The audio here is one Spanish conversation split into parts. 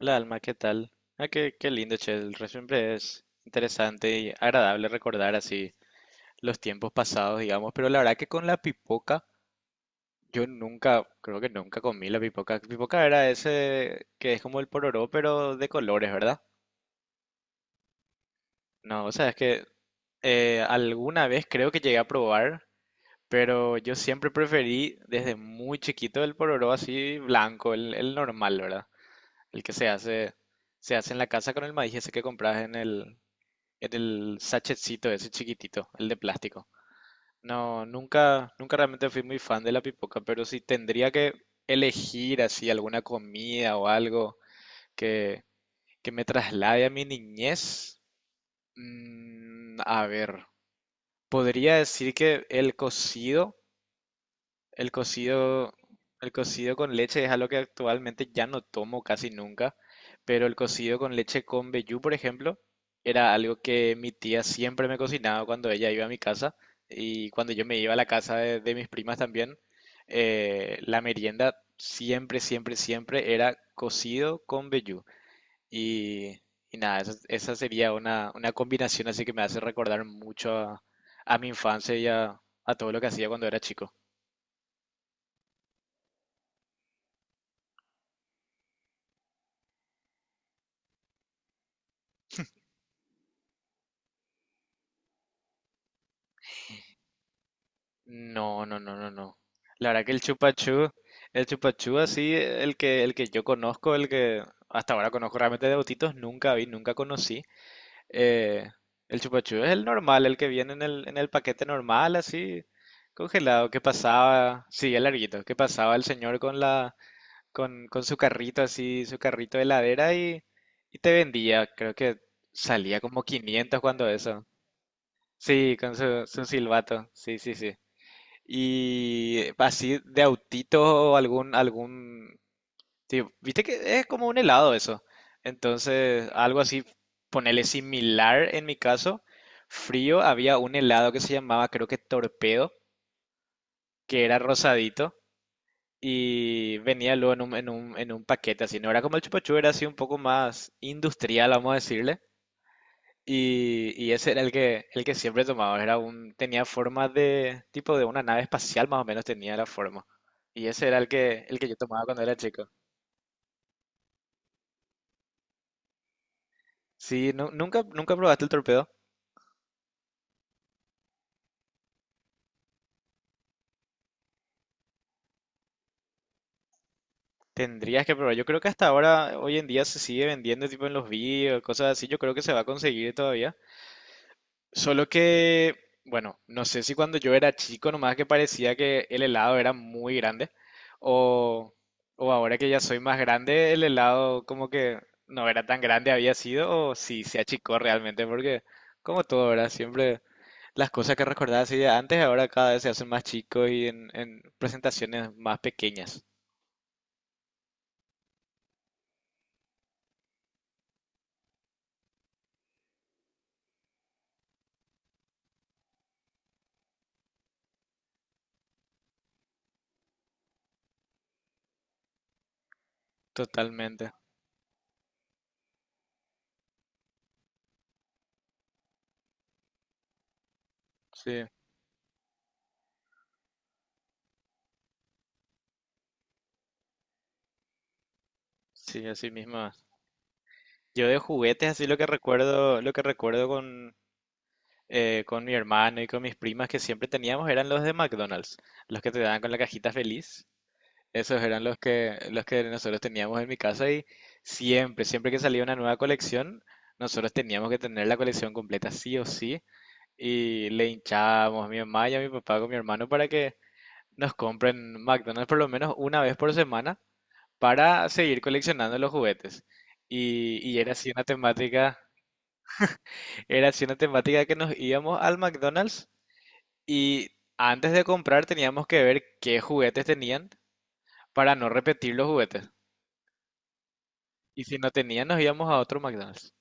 Hola Alma, ¿qué tal? Ah, qué lindo, che. Siempre es interesante y agradable recordar así los tiempos pasados, digamos. Pero la verdad que con la pipoca, yo nunca, creo que nunca comí la pipoca. Pipoca era ese que es como el pororó, pero de colores, ¿verdad? No, o sea, es que alguna vez creo que llegué a probar, pero yo siempre preferí desde muy chiquito el pororó así blanco, el normal, ¿verdad? El que se hace en la casa con el maíz ese que compras en el sachetcito ese chiquitito, el de plástico. No, nunca realmente fui muy fan de la pipoca, pero si tendría que elegir así alguna comida o algo que, que me traslade a mi niñez, a ver, podría decir que El cocido, el cocido con leche es algo que actualmente ya no tomo casi nunca, pero el cocido con leche con vellú, por ejemplo, era algo que mi tía siempre me cocinaba cuando ella iba a mi casa y cuando yo me iba a la casa de mis primas también. La merienda siempre, siempre, siempre era cocido con vellú. Y, y nada, esa sería una combinación así que me hace recordar mucho a mi infancia y a todo lo que hacía cuando era chico. No, no, no, no, no. La verdad que el chupachú así, el que yo conozco, el que hasta ahora conozco realmente de autitos, nunca vi, nunca conocí. Eh, el chupachú es el normal, el que viene en el paquete normal, así, congelado, que pasaba, sí, el larguito, que pasaba el señor con con su carrito así, su carrito de heladera y te vendía, creo que salía como 500 cuando eso. Sí, con su silbato, sí, sí, sí. Y así de autito o tipo, viste que es como un helado eso. Entonces, algo así, ponerle similar en mi caso. Frío, había un helado que se llamaba, creo que Torpedo, que era rosadito y venía luego en un paquete así. No era como el chupa chups, era así un poco más industrial, vamos a decirle. Y ese era el que siempre tomaba. Tenía forma de, tipo de una nave espacial más o menos tenía la forma. Y ese era el que yo tomaba cuando era chico. Sí, nunca probaste el torpedo. Tendrías que probar. Yo creo que hasta ahora, hoy en día se sigue vendiendo tipo en los vídeos, cosas así. Yo creo que se va a conseguir todavía. Solo que, bueno, no sé si cuando yo era chico nomás que parecía que el helado era muy grande o, o ahora que ya soy más grande el helado como que no era tan grande había sido o si se achicó realmente porque como todo ahora siempre las cosas que recordaba así de antes ahora cada vez se hacen más chicos y en presentaciones más pequeñas. Totalmente. Sí, sí, así mismo. Es. Yo de juguetes así lo que recuerdo con mi hermano y con mis primas que siempre teníamos eran los de McDonald's, los que te daban con la cajita feliz. Esos eran los que nosotros teníamos en mi casa y siempre, siempre que salía una nueva colección, nosotros teníamos que tener la colección completa sí o sí y le hinchábamos a mi mamá y a mi papá con mi hermano para que nos compren McDonald's por lo menos una vez por semana para seguir coleccionando los juguetes. Y era así una temática que nos íbamos al McDonald's. Y antes de comprar teníamos que ver qué juguetes tenían para no repetir los juguetes. Y si no tenían, nos íbamos a otro McDonald's.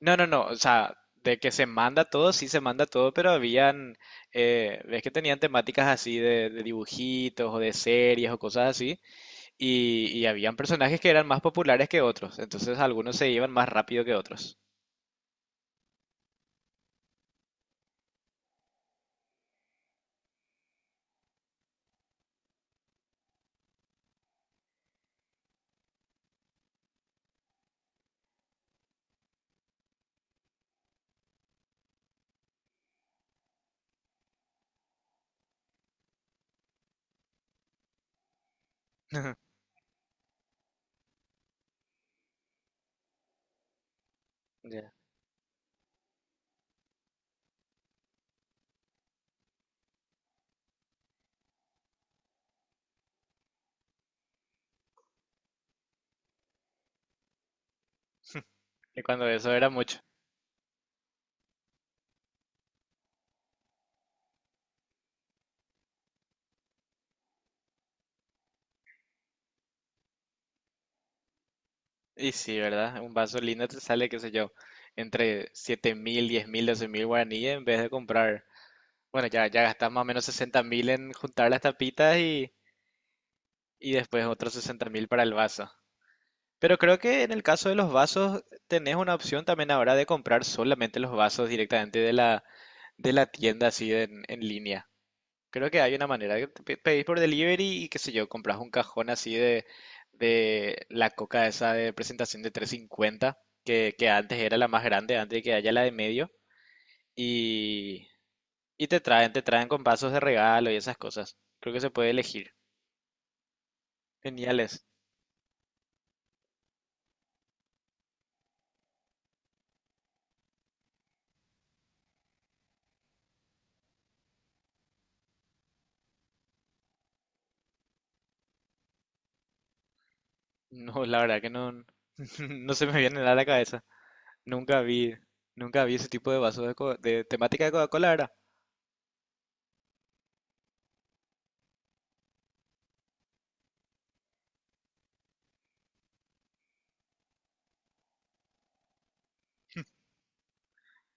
No, no, no. O sea, de que se manda todo, sí se manda todo, pero habían, ves que tenían temáticas así de dibujitos o de series o cosas así. Y habían personajes que eran más populares que otros. Entonces algunos se iban más rápido que otros. Ya. Y cuando eso era mucho. Y sí, ¿verdad? Un vaso lindo te sale, qué sé yo, entre 7.000 10.000 12.000 guaraníes en vez de comprar. Bueno, ya, ya gastas más o menos 60.000 en juntar las tapitas y después otros 60.000 para el vaso. Pero creo que en el caso de los vasos tenés una opción también ahora de comprar solamente los vasos directamente de la tienda así en línea. Creo que hay una manera de pedís por delivery y qué sé yo, compras un cajón así de la coca esa de presentación de 350, que antes era la más grande, antes de que haya la de medio, y, y te traen con vasos de regalo y esas cosas. Creo que se puede elegir. Geniales. No, la verdad que no, no se me viene nada a la cabeza. Nunca vi, nunca vi ese tipo de vasos de temática de Coca-Cola, ¿verdad?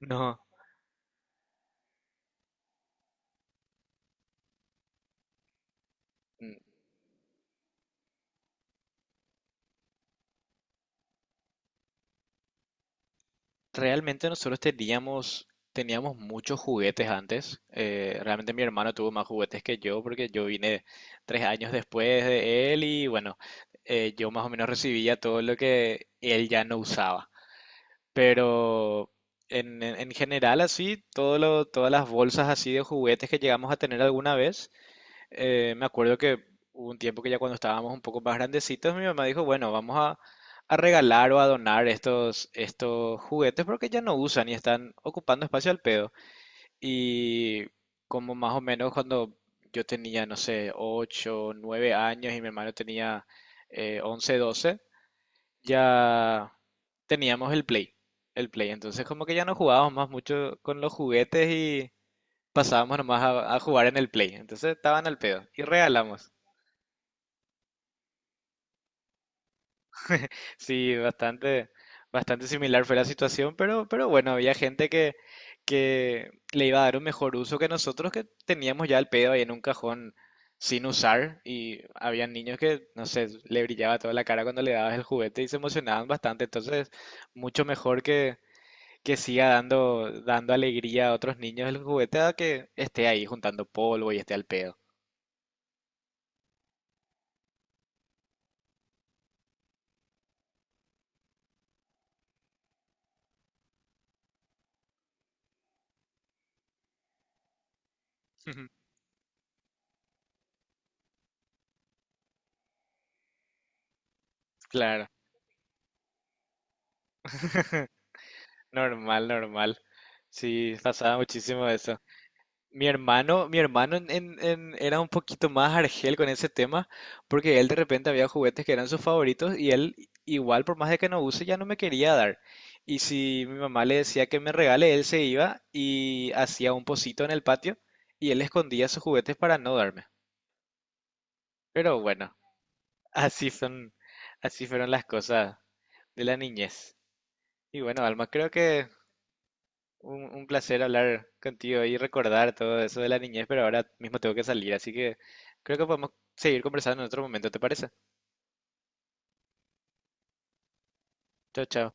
No. Realmente nosotros teníamos muchos juguetes antes. Realmente mi hermano tuvo más juguetes que yo porque yo vine 3 años después de él y bueno, yo más o menos recibía todo lo que él ya no usaba. Pero en general así, todas las bolsas así de juguetes que llegamos a tener alguna vez. Me acuerdo que hubo un tiempo que ya cuando estábamos un poco más grandecitos, mi mamá dijo, bueno, vamos a regalar o a donar estos juguetes porque ya no usan y están ocupando espacio al pedo. Y como más o menos cuando yo tenía, no sé, 8 9 años y mi hermano tenía 11, 12, ya teníamos el Play. El Play. Entonces como que ya no jugábamos más mucho con los juguetes y pasábamos nomás a jugar en el Play. Entonces estaban al pedo y regalamos. Sí, bastante similar fue la situación, pero bueno, había gente que le iba a dar un mejor uso que nosotros que teníamos ya el pedo ahí en un cajón sin usar y había niños que, no sé, le brillaba toda la cara cuando le dabas el juguete y se emocionaban bastante, entonces mucho mejor que, siga dando alegría a otros niños el juguete a que esté ahí juntando polvo y esté al pedo. Claro, normal, normal. Sí, pasaba muchísimo eso. Mi hermano era un poquito más argel con ese tema, porque él de repente había juguetes que eran sus favoritos y él igual por más de que no use ya no me quería dar. Y si mi mamá le decía que me regale, él se iba y hacía un pocito en el patio y él escondía sus juguetes para no darme. Pero bueno, así son, así fueron las cosas de la niñez. Y bueno, Alma, creo que Un placer hablar contigo y recordar todo eso de la niñez, pero ahora mismo tengo que salir, así que creo que podemos seguir conversando en otro momento, ¿te parece? Chao, chao.